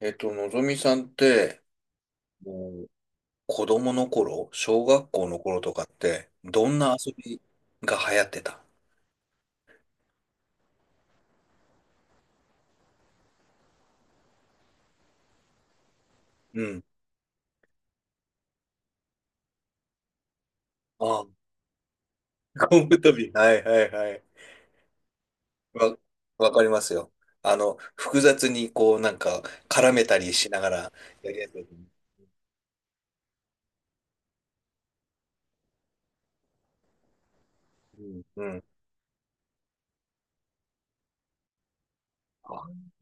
のぞみさんって、もう子供の頃、小学校の頃とかって、どんな遊びが流行ってた？うん。ああ、昆布飛び。はいはいはい。わ、わかりますよ。複雑にこう、なんか、絡めたりしながらやるやつですね。うん。うん。あ、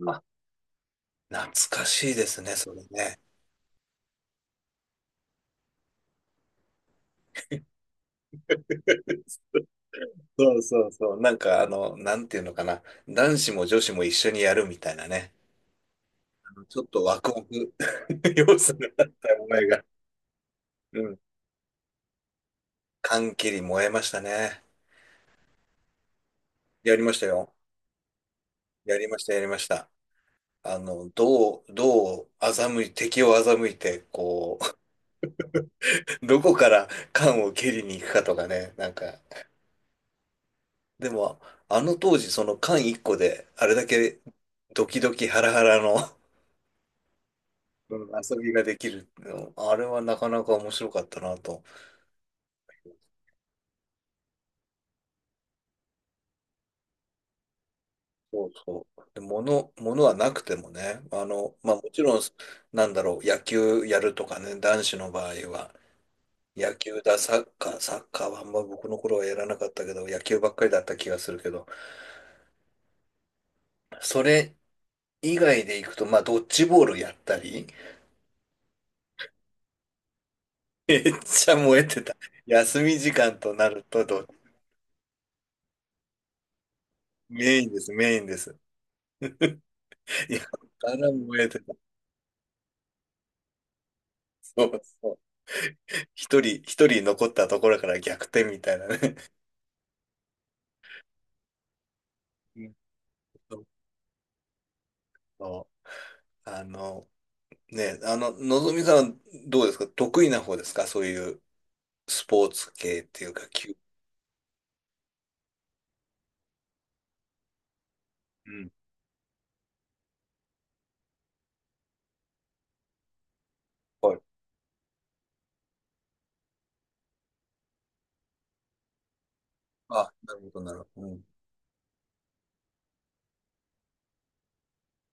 あ懐かしいですね、それね。そうそうそう。なんか、なんていうのかな。男子も女子も一緒にやるみたいなね。ちょっとワクワク 要素があったお前が。うん。缶切り燃えましたね。やりましたよ。やりました、やりました。あの、どう、どう欺い、敵を欺いて、こう、どこから缶を蹴りに行くかとかね、なんか。でも、あの当時、その缶1個で、あれだけドキドキハラハラの、うん、 遊びができるの。あれはなかなか面白かったなと。そうそう。で、物はなくてもね、まあもちろん、なんだろう、野球やるとかね、男子の場合は、野球だ、サッカーはあんま僕の頃はやらなかったけど、野球ばっかりだった気がするけど、それ以外で行くと、まあドッジボールやったり、めっちゃ燃えてた。休み時間となるとメインです、メインです。いや、から燃えてた。そうそう。一人残ったところから逆転みたいなね。うん、そうそう。ね、のぞみさんはどうですか？得意な方ですか？そういうスポーツ系っていうか、球。うん。はい。あ、なるほど、なるほど。うん。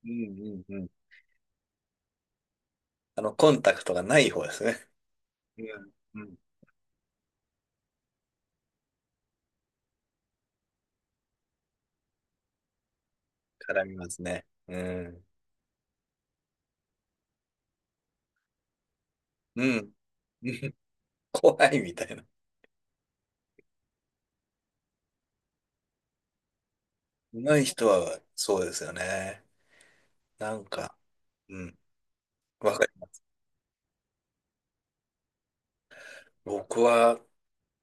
うんうんうん。コンタクトがない方ですね。うん。うん。絡みますね。うん。うん。うん、怖いみたいな。上手い人はそうですよね。なんか、うん。わかる。僕は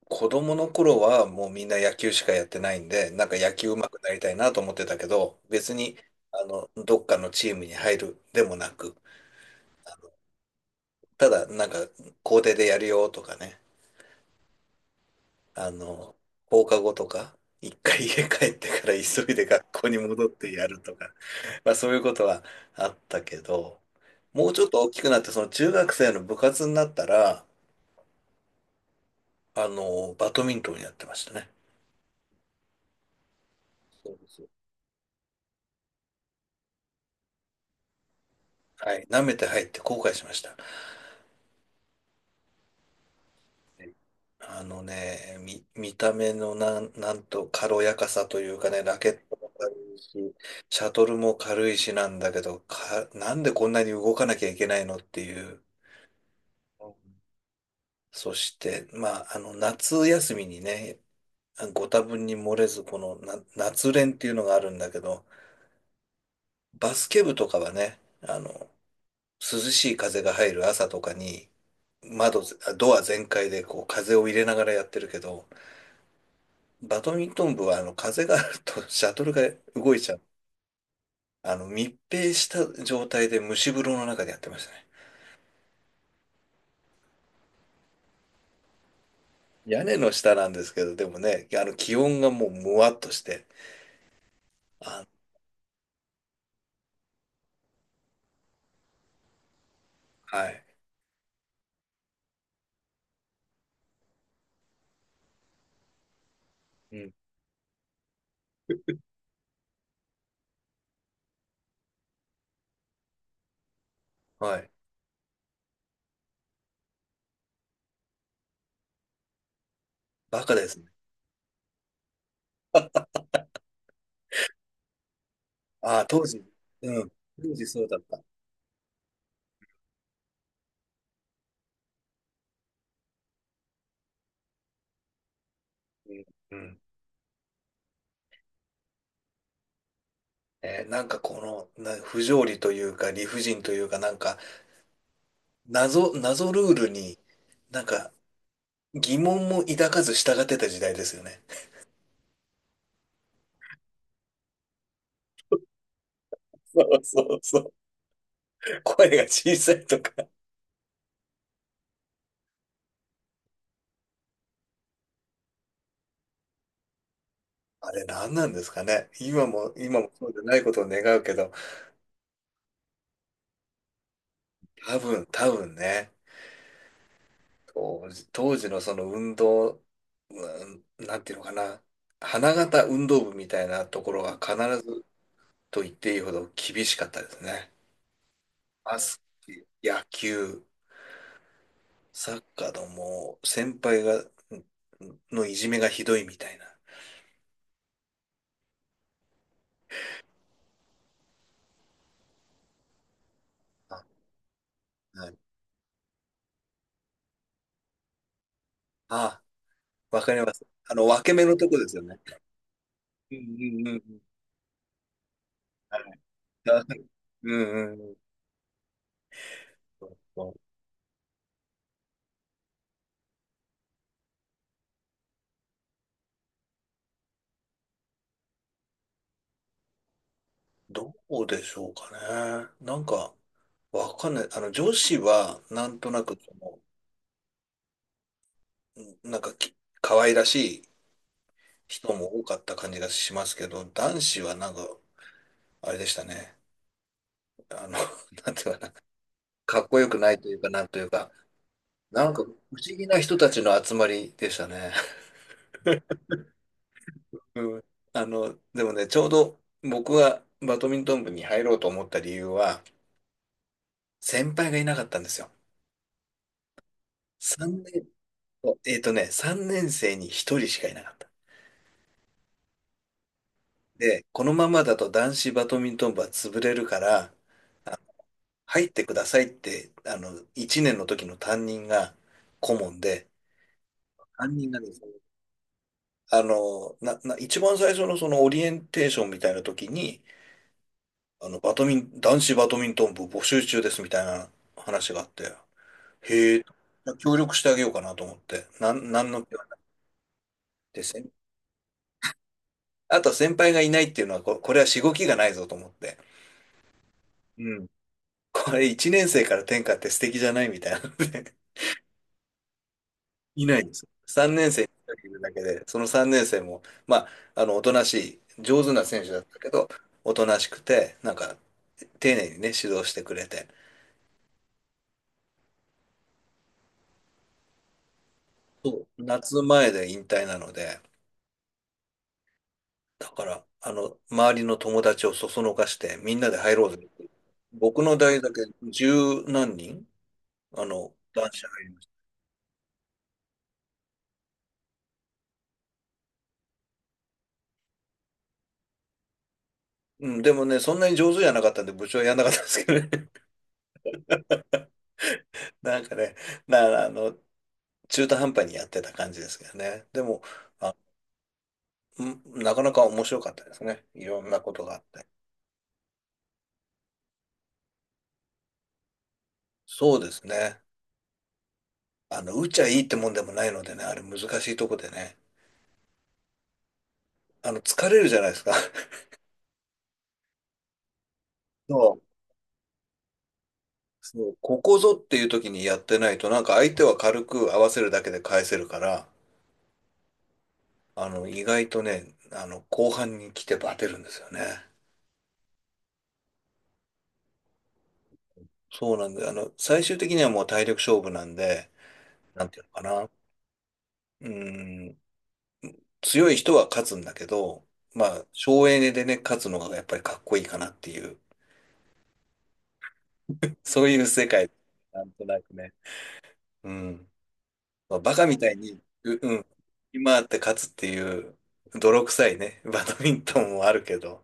子供の頃はもうみんな野球しかやってないんで、なんか野球上手くなりたいなと思ってたけど、別に、どっかのチームに入るでもなく、ただなんか校庭でやるよとかね、あの、放課後とか、一回 家帰ってから急いで学校に戻ってやるとか、まあそういうことはあったけど、もうちょっと大きくなって、その中学生の部活になったら、バドミントンやってましたね。そうです。はい、舐めて入って後悔しました。あのね、見た目のなんと軽やかさというかね、ラケットも軽いし、シャトルも軽いしなんだけど、なんでこんなに動かなきゃいけないのっていう。そして、まあ、夏休みにね、ご多分に漏れず、このな夏練っていうのがあるんだけど、バスケ部とかはね、涼しい風が入る朝とかに、窓ぜ、あドア全開でこう風を入れながらやってるけど、バドミントン部はあの風があるとシャトルが動いちゃう。密閉した状態で蒸し風呂の中でやってましたね。屋根の下なんですけど、でもね、気温がもうむわっとして、あ、はい、うん、はい、バカですね。ああ、当時、うん、当時そうだった。うん、うん。なんかこのな不条理というか理不尽というか、なんか謎ルールになんか疑問も抱かず従ってた時代ですよね。そうそうそう。声が小さいとか、あれ何なんですかね。今もそうでないことを願うけど、多分ね、当時のその運動、うん、なんていうのかな、花形運動部みたいなところは必ずと言っていいほど厳しかったですね。バスケ、野球、サッカーのもう先輩が、んのいじめがひどいみたいな。あ、はい。あ、わかります。分け目のとこですよね。うんうんうんうん。はい、うんうんうん。どうでしょうかね。なんか、わかんない。女子は、なんとなく、その、うん、なんか可愛らしい人も多かった感じがしますけど、男子はなんか、あれでしたね。あの、なんていうかな、かっこよくないというか、なんというか、なんか、不思議な人たちの集まりでしたね。うん。でもね、ちょうど僕がバドミントン部に入ろうと思った理由は、先輩がいなかったんですよ。3年、3年生に1人しかいなかった。で、このままだと男子バドミントン部は潰れるから、あ入ってくださいって、1年の時の担任が顧問で、担任がですね、あの、な、な、一番最初のそのオリエンテーションみたいな時に、あの、バドミン、男子バドミントン部募集中ですみたいな話があって、へえ、協力してあげようかなと思って、なんの気はなくて、あと先輩がいないっていうのは、これはしごきがないぞと思って。うん。これ1年生から天下って素敵じゃないみたいなので いないです。3年生に1人いるだけで、その3年生も、まあ、おとなしい、上手な選手だったけど、おとなしくて、なんか、丁寧にね、指導してくれて、そう。夏前で引退なので、だから、周りの友達をそそのかして、みんなで入ろうぜ。僕の代だけ十何人、男子入りました。うん、でもね、そんなに上手じゃなかったんで、部長はやんなかったんですけどね。なんかね、な、あの、中途半端にやってた感じですけどね。でも、あ、なかなか面白かったですね。いろんなことがあって。そうですね。打っちゃいいってもんでもないのでね、あれ難しいとこでね。疲れるじゃないですか。そう。そう、ここぞっていう時にやってないと、なんか相手は軽く合わせるだけで返せるから、意外とね、後半に来てバテるんですよね。そうなんで、最終的にはもう体力勝負なんで、なんていうのかな。うん、強い人は勝つんだけど、まあ、省エネでね、勝つのがやっぱりかっこいいかなっていう、そういう世界、なんとなくね。うん。まあ、バカみたいに、うん、今って勝つっていう、泥臭いね、バドミントンもあるけど、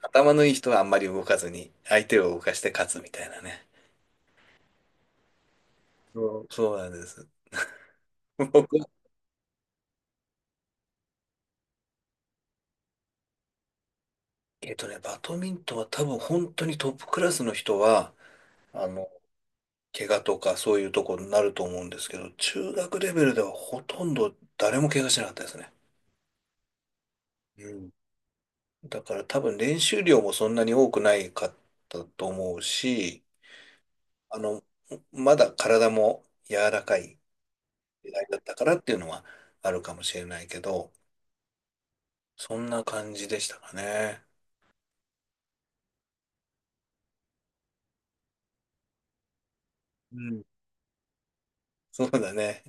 頭のいい人はあんまり動かずに、相手を動かして勝つみたいなね。そう、そうなんです。僕はバドミントンは多分本当にトップクラスの人は、あの、怪我とかそういうところになると思うんですけど、中学レベルではほとんど誰も怪我しなかったですね。うん。だから多分練習量もそんなに多くないかったと思うし、あの、まだ体も柔らかい時代だったからっていうのはあるかもしれないけど、そんな感じでしたかね。うん。そうだね。